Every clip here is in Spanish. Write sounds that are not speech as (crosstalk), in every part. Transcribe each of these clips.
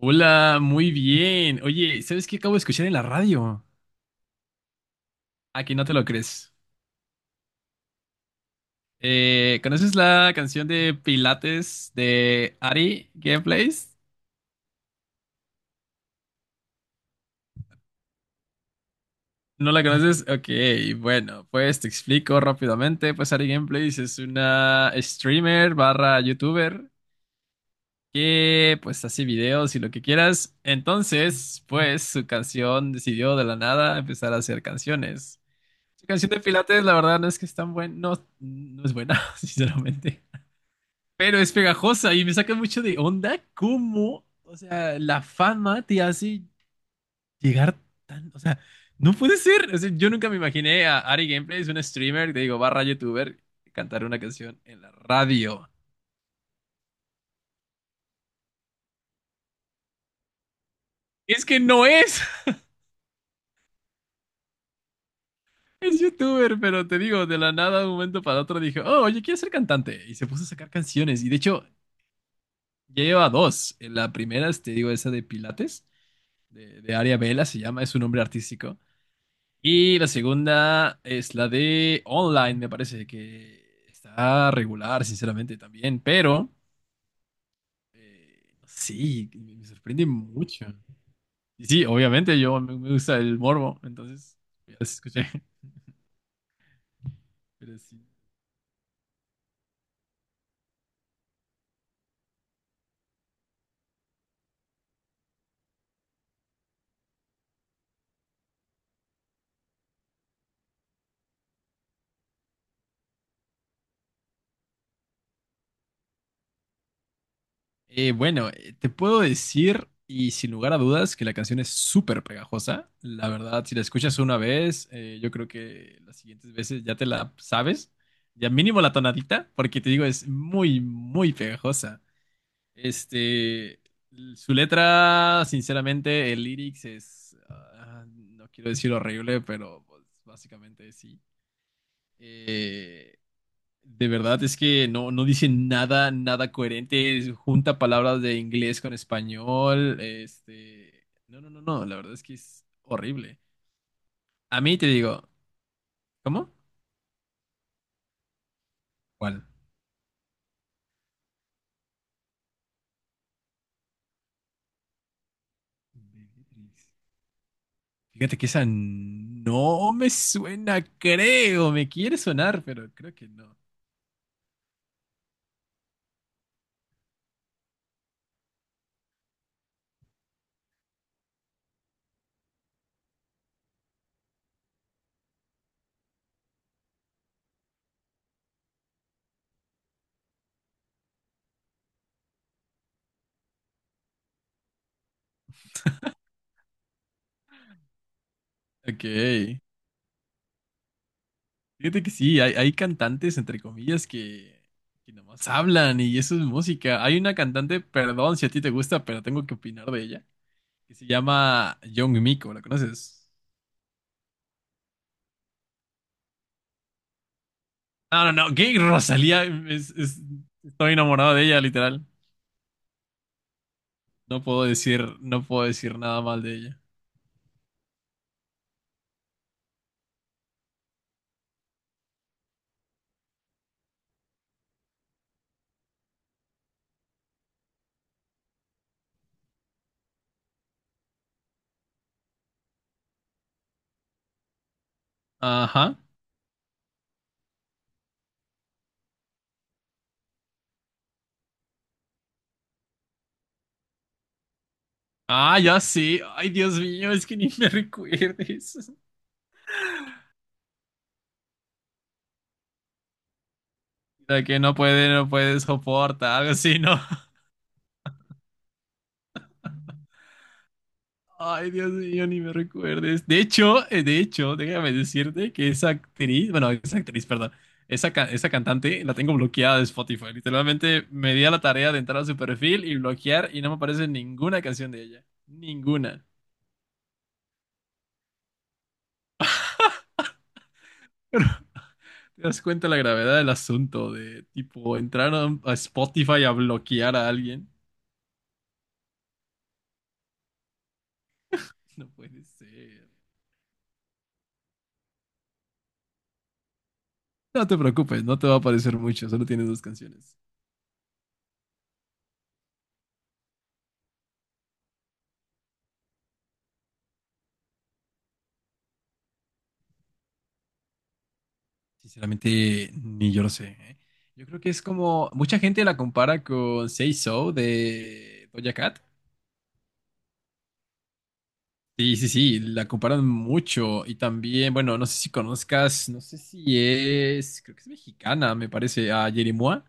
Hola, muy bien. Oye, ¿sabes qué acabo de escuchar en la radio? Aquí no te lo crees. ¿Conoces la canción de Pilates de Ari Gameplays? ¿No la conoces? Ok, bueno, pues te explico rápidamente. Pues Ari Gameplays es una streamer barra youtuber que pues hace videos y lo que quieras. Entonces, pues su canción decidió de la nada empezar a hacer canciones. Su canción de Pilates, la verdad, no es que es tan buena, no, no es buena, (laughs) sinceramente. Pero es pegajosa y me saca mucho de onda cómo, o sea, la fama te hace llegar tan, o sea, no puede ser. O sea, yo nunca me imaginé a Ari Gameplays, un streamer, te digo, barra youtuber, cantar una canción en la radio. Es que no es, (laughs) es youtuber, pero te digo, de la nada, de un momento para otro dije, oh, oye, quiero ser cantante. Y se puso a sacar canciones. Y de hecho, ya lleva dos. La primera, es, te digo, esa de Pilates, de Aria Vela se llama, es su nombre artístico. Y la segunda es la de online, me parece que está regular, sinceramente, también, pero sí, me sorprende mucho. Y sí, obviamente yo me gusta el morbo, entonces ya las escuché, (laughs) pero sí. Bueno, te puedo decir, y sin lugar a dudas, que la canción es súper pegajosa. La verdad, si la escuchas una vez, yo creo que las siguientes veces ya te la sabes, ya mínimo la tonadita, porque te digo, es muy, muy pegajosa. Este, su letra, sinceramente, el lyrics es, no quiero decir horrible, pero pues, básicamente sí. De verdad es que no, no dice nada, nada coherente, es- junta palabras de inglés con español, este, no, no, no, no, la verdad es que es horrible. A mí te digo, ¿cómo? ¿Cuál? Beatrix. Fíjate que esa no me suena, creo, me quiere sonar, pero creo que no. Ok. Fíjate que sí, hay cantantes, entre comillas, que nomás hablan y eso es música. Hay una cantante, perdón si a ti te gusta, pero tengo que opinar de ella, que se llama Young Miko, ¿la conoces? No, no, no, gay Rosalía, es- estoy enamorado de ella, literal. No puedo decir, no puedo decir nada mal de ella. Ajá. Ah, ya sí. Ay, Dios mío, es que ni me (laughs) recuerdes. La que no puede, no puede soportar, algo así, ¿no? Ay, Dios mío, ni me recuerdes. De hecho, déjame decirte que esa actriz, bueno, esa actriz, perdón, esa, ca- esa cantante la tengo bloqueada de Spotify. Literalmente me di a la tarea de entrar a su perfil y bloquear y no me aparece ninguna canción de ella. Ninguna. ¿Te das cuenta la gravedad del asunto de, tipo, entrar a Spotify a bloquear a alguien? No puede ser. No te preocupes, no te va a aparecer mucho, solo tienes dos canciones. Sinceramente, ni yo lo sé. ¿Eh? Yo creo que es como. Mucha gente la compara con Say So de Doja Cat. Sí, sí, sí, la comparan mucho. Y también, bueno, no sé si conozcas, no sé si es. Creo que es mexicana, me parece, a Yeri-Mua.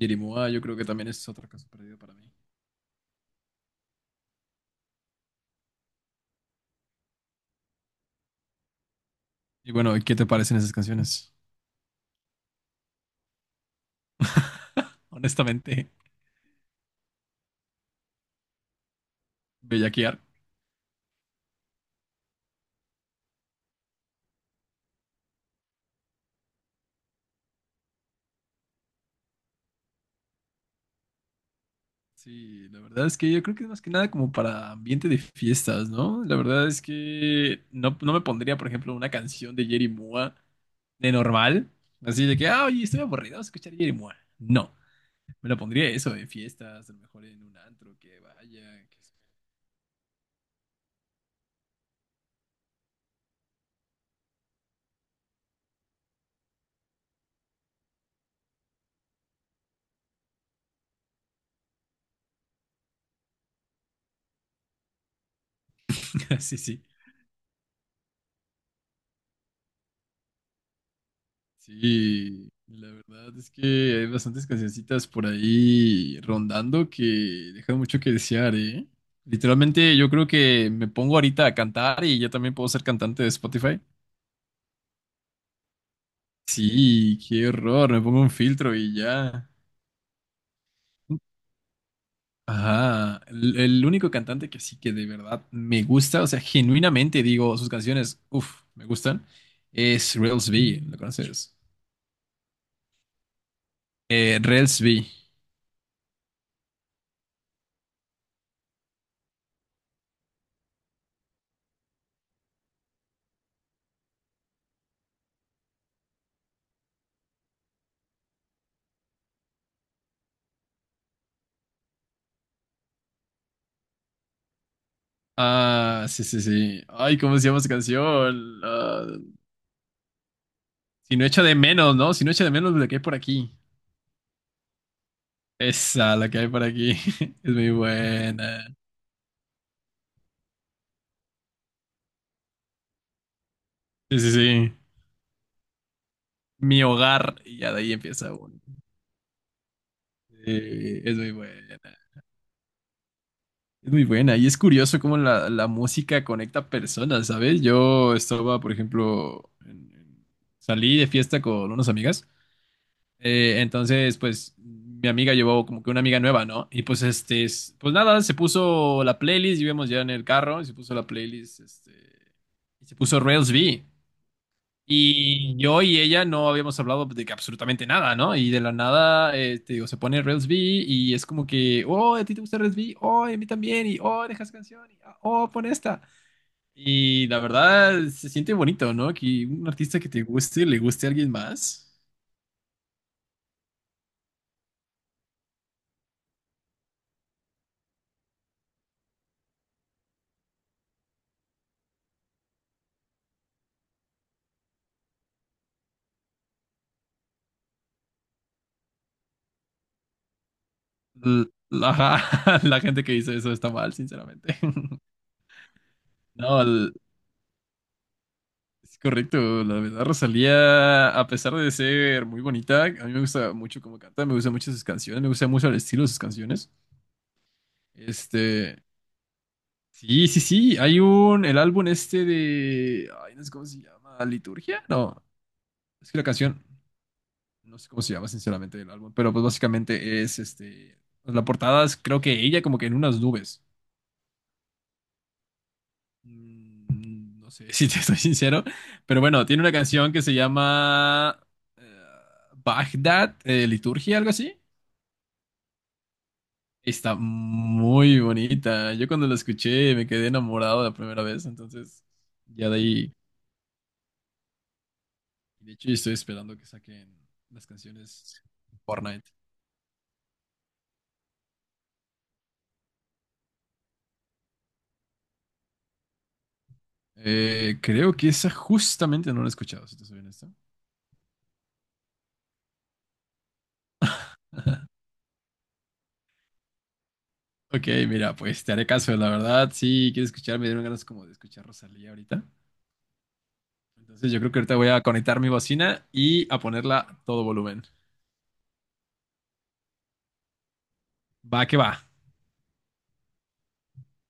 Yeri-Mua yo creo que también es otro caso perdido para mí. Y bueno, ¿y qué te parecen esas canciones? Honestamente, bellaquear. Sí, la verdad es que yo creo que es más que nada como para ambiente de fiestas, ¿no? La verdad es que no, no me pondría, por ejemplo, una canción de Jerry Mua de normal, así de que, ah, oye, estoy aburrido, vamos a escuchar Jerry Mua. No, me lo pondría eso en fiestas, a lo mejor en un antro que vaya. Que- (laughs) Sí, sí. Sí, la verdad es que hay bastantes cancioncitas por ahí rondando que dejan mucho que desear, ¿eh? Literalmente yo creo que me pongo ahorita a cantar y ya también puedo ser cantante de Spotify. Sí, qué horror, me pongo un filtro y ya. Ajá, el único cantante que sí que de verdad me gusta, o sea, genuinamente digo, sus canciones, uff, me gustan, es Rels B, ¿lo conoces? Rels B. Ah, sí, sí, sí. Ay, ¿cómo se llama esa canción? Ah, si no echa de menos, ¿no? Si no echa de menos la que hay por aquí. Esa, la que hay por aquí. (laughs) Es muy buena. Sí, sí, sí. Mi hogar. Y ya de ahí empieza uno. Sí, es muy buena. Es muy buena. Y es curioso cómo la, la música conecta personas, ¿sabes? Yo estaba, por ejemplo, en- salí de fiesta con unas amigas. Entonces, pues mi amiga llevó como que una amiga nueva, ¿no? Y pues este, es- pues nada, se puso la playlist, íbamos ya en el carro, y se puso la playlist, este, y se puso Rails V. Y yo y ella no habíamos hablado de que absolutamente nada, ¿no? Y de la nada, te digo, se pone Rails V y es como que, oh, ¿a ti te gusta Rails V? Oh, y a mí también, y oh, dejas canción, y ah, oh, pon esta. Y la verdad, se siente bonito, ¿no? Que un artista que te guste, le guste a alguien más. L- ajá, (laughs) la gente que dice eso está mal, sinceramente. (laughs) No, l- es correcto. La verdad, Rosalía, a pesar de ser muy bonita, a mí me gusta mucho cómo canta, me gustan mucho sus canciones, me gusta mucho el estilo de sus canciones. Este, sí, sí, sí, hay un, el álbum este de, ay, no sé cómo se llama, Liturgia, no, es que la canción, no sé cómo se llama, sinceramente, el álbum, pero pues básicamente es, este, pues, la portada es creo que ella como que en unas nubes. Mm, no sé (laughs) si te soy sincero, pero bueno, tiene una canción que se llama eh, Bagdad, Liturgia, algo así. Está muy bonita. Yo cuando la escuché me quedé enamorado la primera vez, entonces ya de ahí. De hecho, estoy esperando que saquen las canciones Fortnite. Creo que esa justamente no la he escuchado, si te soy honesto. Ok, mira, pues te haré caso, la verdad. Sí, quiero escuchar, me dieron ganas como de escuchar Rosalía ahorita. Entonces yo creo que ahorita voy a conectar mi bocina y a ponerla a todo volumen. Va que va.